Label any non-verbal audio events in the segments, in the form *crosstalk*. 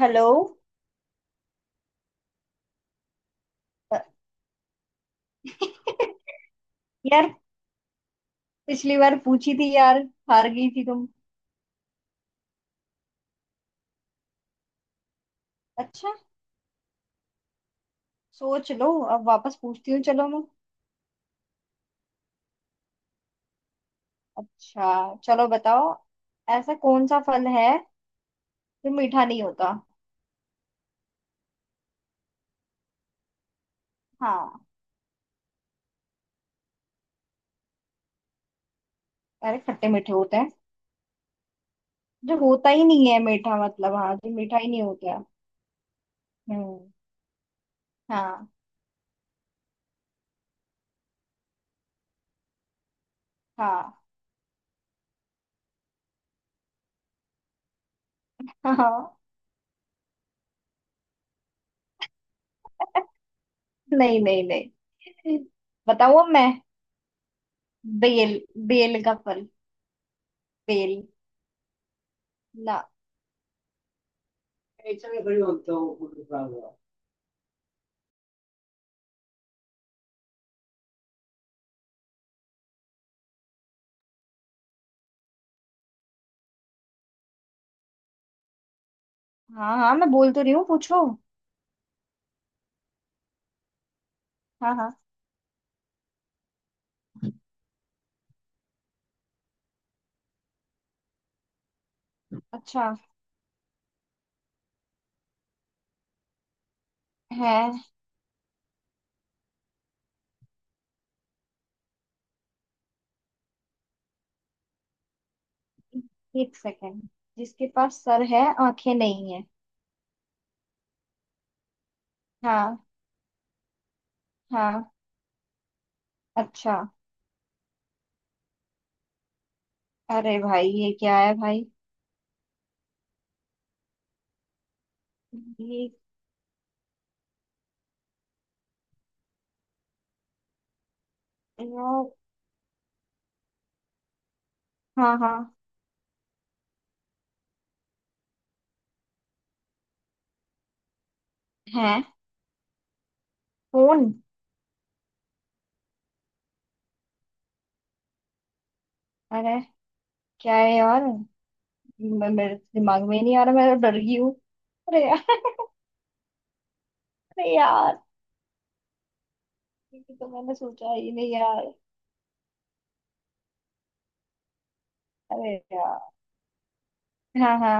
Hello. यार, पिछली बार पूछी थी यार। हार गई थी तुम। अच्छा, सोच लो, अब वापस पूछती हूँ, चलो मैं। अच्छा चलो बताओ, ऐसा कौन सा फल है जो मीठा नहीं होता। हाँ। अरे खट्टे मीठे होते हैं। जो होता ही नहीं है मीठा, मतलब हाँ, जो मीठा ही नहीं होता है। हम्म। हाँ। हाँ हाँ। नहीं नहीं नहीं। बताओ, अब मैं बेल, बेल का फल, बेल ना। हाँ हाँ, मैं बोल तो रही हूँ, पूछो। हाँ हाँ। अच्छा। है। एक सेकेंड। जिसके पास सर है, आंखें नहीं है। हाँ। हाँ। अच्छा। अरे भाई ये क्या है भाई। ये, यार। हाँ हाँ। है। फोन। अरे क्या है यार। मेरे दिमाग में ही नहीं आ रहा, मैं तो डर गई हूँ। अरे यार *laughs* अरे यार ये तो मैंने सोचा ही नहीं यार। अरे यार। हाँ हाँ।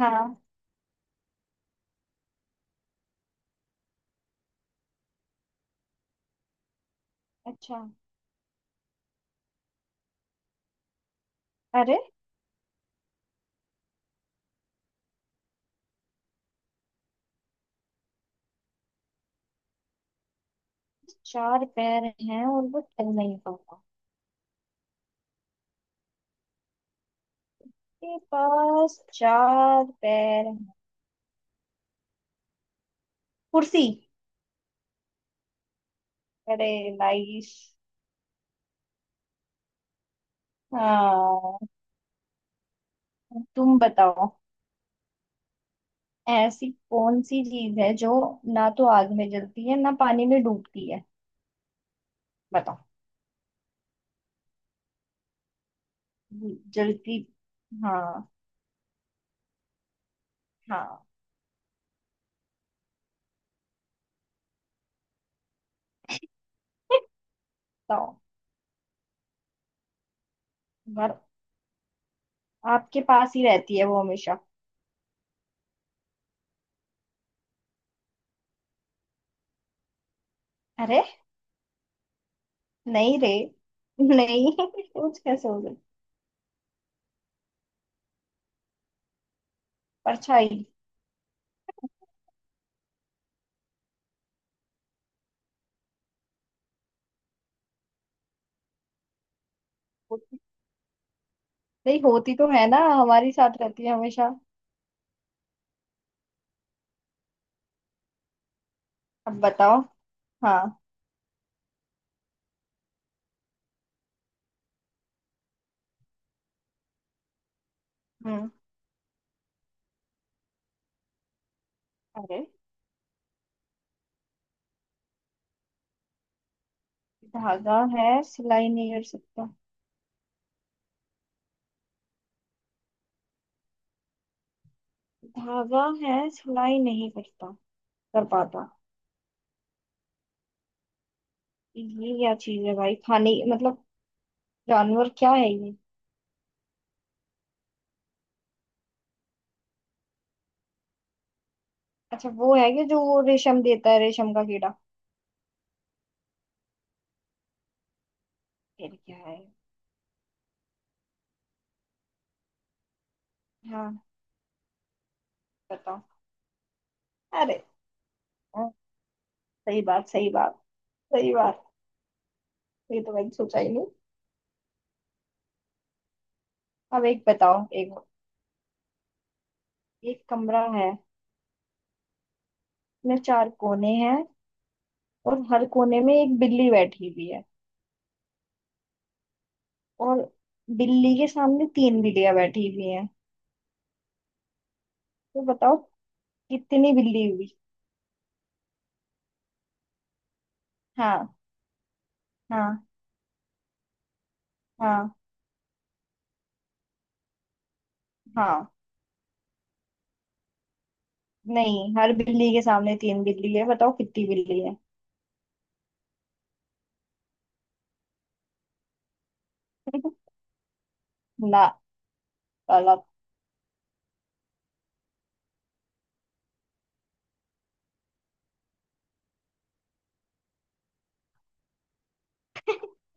हाँ। अच्छा। अरे। चार पैर हैं और वो चल नहीं पाता। के पास चार पैर हैं। कुर्सी। अरे लाइश। हाँ, तुम बताओ। ऐसी कौन सी चीज है जो ना तो आग में जलती है ना पानी में डूबती है। बताओ। जलती। हाँ। हाँ। बताओ। पर आपके पास ही रहती है वो हमेशा। अरे। नहीं रे। नहीं *laughs* कुछ कैसे हो गई। परछाई। नहीं होती तो है ना, हमारे साथ रहती है हमेशा। अब बताओ। हाँ। हम्म। अरे, धागा है सिलाई नहीं कर सकता। धागा है सिलाई नहीं करता, कर पाता। ये क्या चीज है भाई, खाने, मतलब जानवर क्या है ये। अच्छा, वो है कि जो वो रेशम देता है, रेशम का कीड़ा। फिर क्या है। हाँ। बताओ। अरे। हाँ, सही बात, सही बात, सही बात। ये तो मैंने सोचा ही नहीं। अब एक बताओ, एक। एक कमरा है, इसमें चार कोने हैं, और हर कोने में एक बिल्ली बैठी हुई है। और बिल्ली के सामने तीन बिल्लियां बैठी हुई हैं। तो बताओ कितनी बिल्ली हुई। हाँ। हाँ। हाँ। हाँ। नहीं, हर बिल्ली के सामने तीन बिल्ली है, बताओ कितनी बिल्ली है। *laughs* ना, गलत।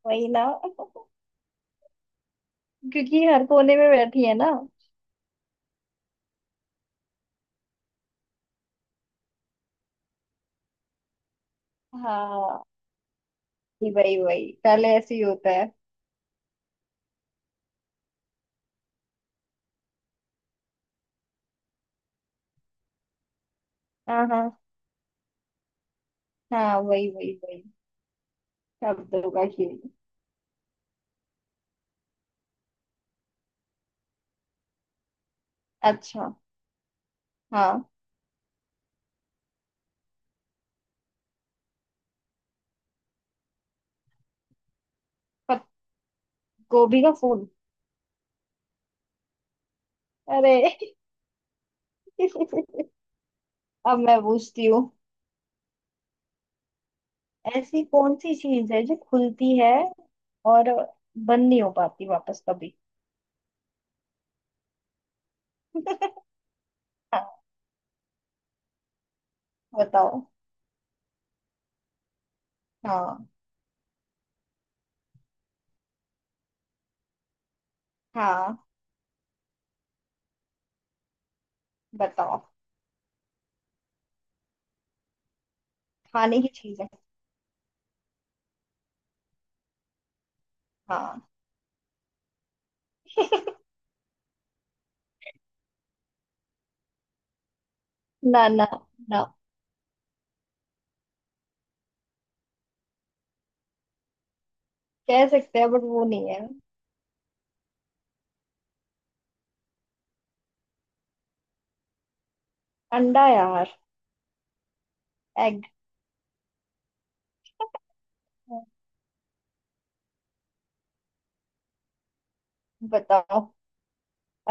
वही ना *laughs* क्योंकि हर कोने में बैठी है ना। हाँ। जी, वही वही, पहले ऐसे ही होता है। हाँ। हाँ हाँ, वही वही वही। शब्दों का खेल। अच्छा। हाँ। पत, गोभी का फूल। अरे *laughs* अब मैं पूछती हूँ, ऐसी कौन सी चीज है जो खुलती है और बंद नहीं हो पाती वापस कभी। हाँ, बताओ। हाँ हाँ। बताओ। खाने की चीज है। हाँ। ना ना ना। कह सकते हैं, बट वो नहीं है। अंडा यार, एग। बताओ,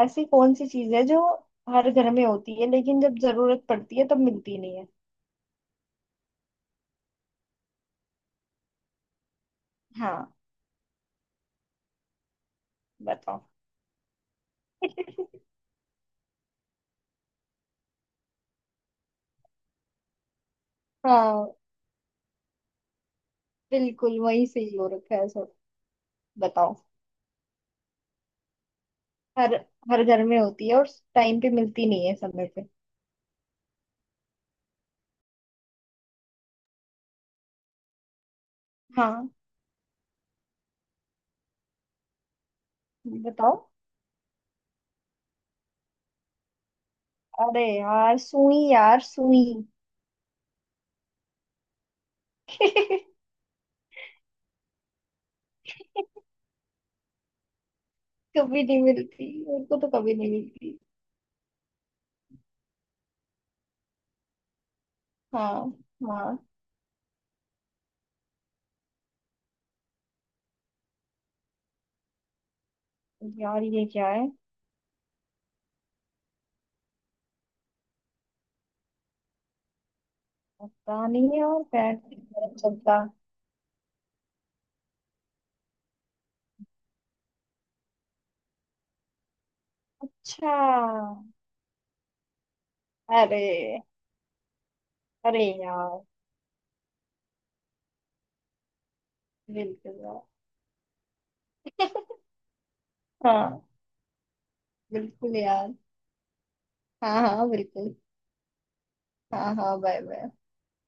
ऐसी कौन सी चीज है जो हर घर में होती है, लेकिन जब जरूरत पड़ती है तब मिलती नहीं है। हाँ। बताओ। हाँ। बिल्कुल वही सही हो रखा है सब। बताओ। हर, हर घर में होती है और टाइम पे मिलती नहीं है, समय पे। हाँ। बताओ। अरे यार सुई यार, सुई। *laughs* कभी नहीं मिलती मेरे को, तो कभी नहीं मिलती। हाँ। हाँ यार, ये क्या है। पता नहीं यार, पैर नहीं चलता। अच्छा। अरे। अरे यार। बिल्कुल यार। हाँ, बिल्कुल यार। हाँ हाँ, बिल्कुल। हाँ हाँ, बाय बाय।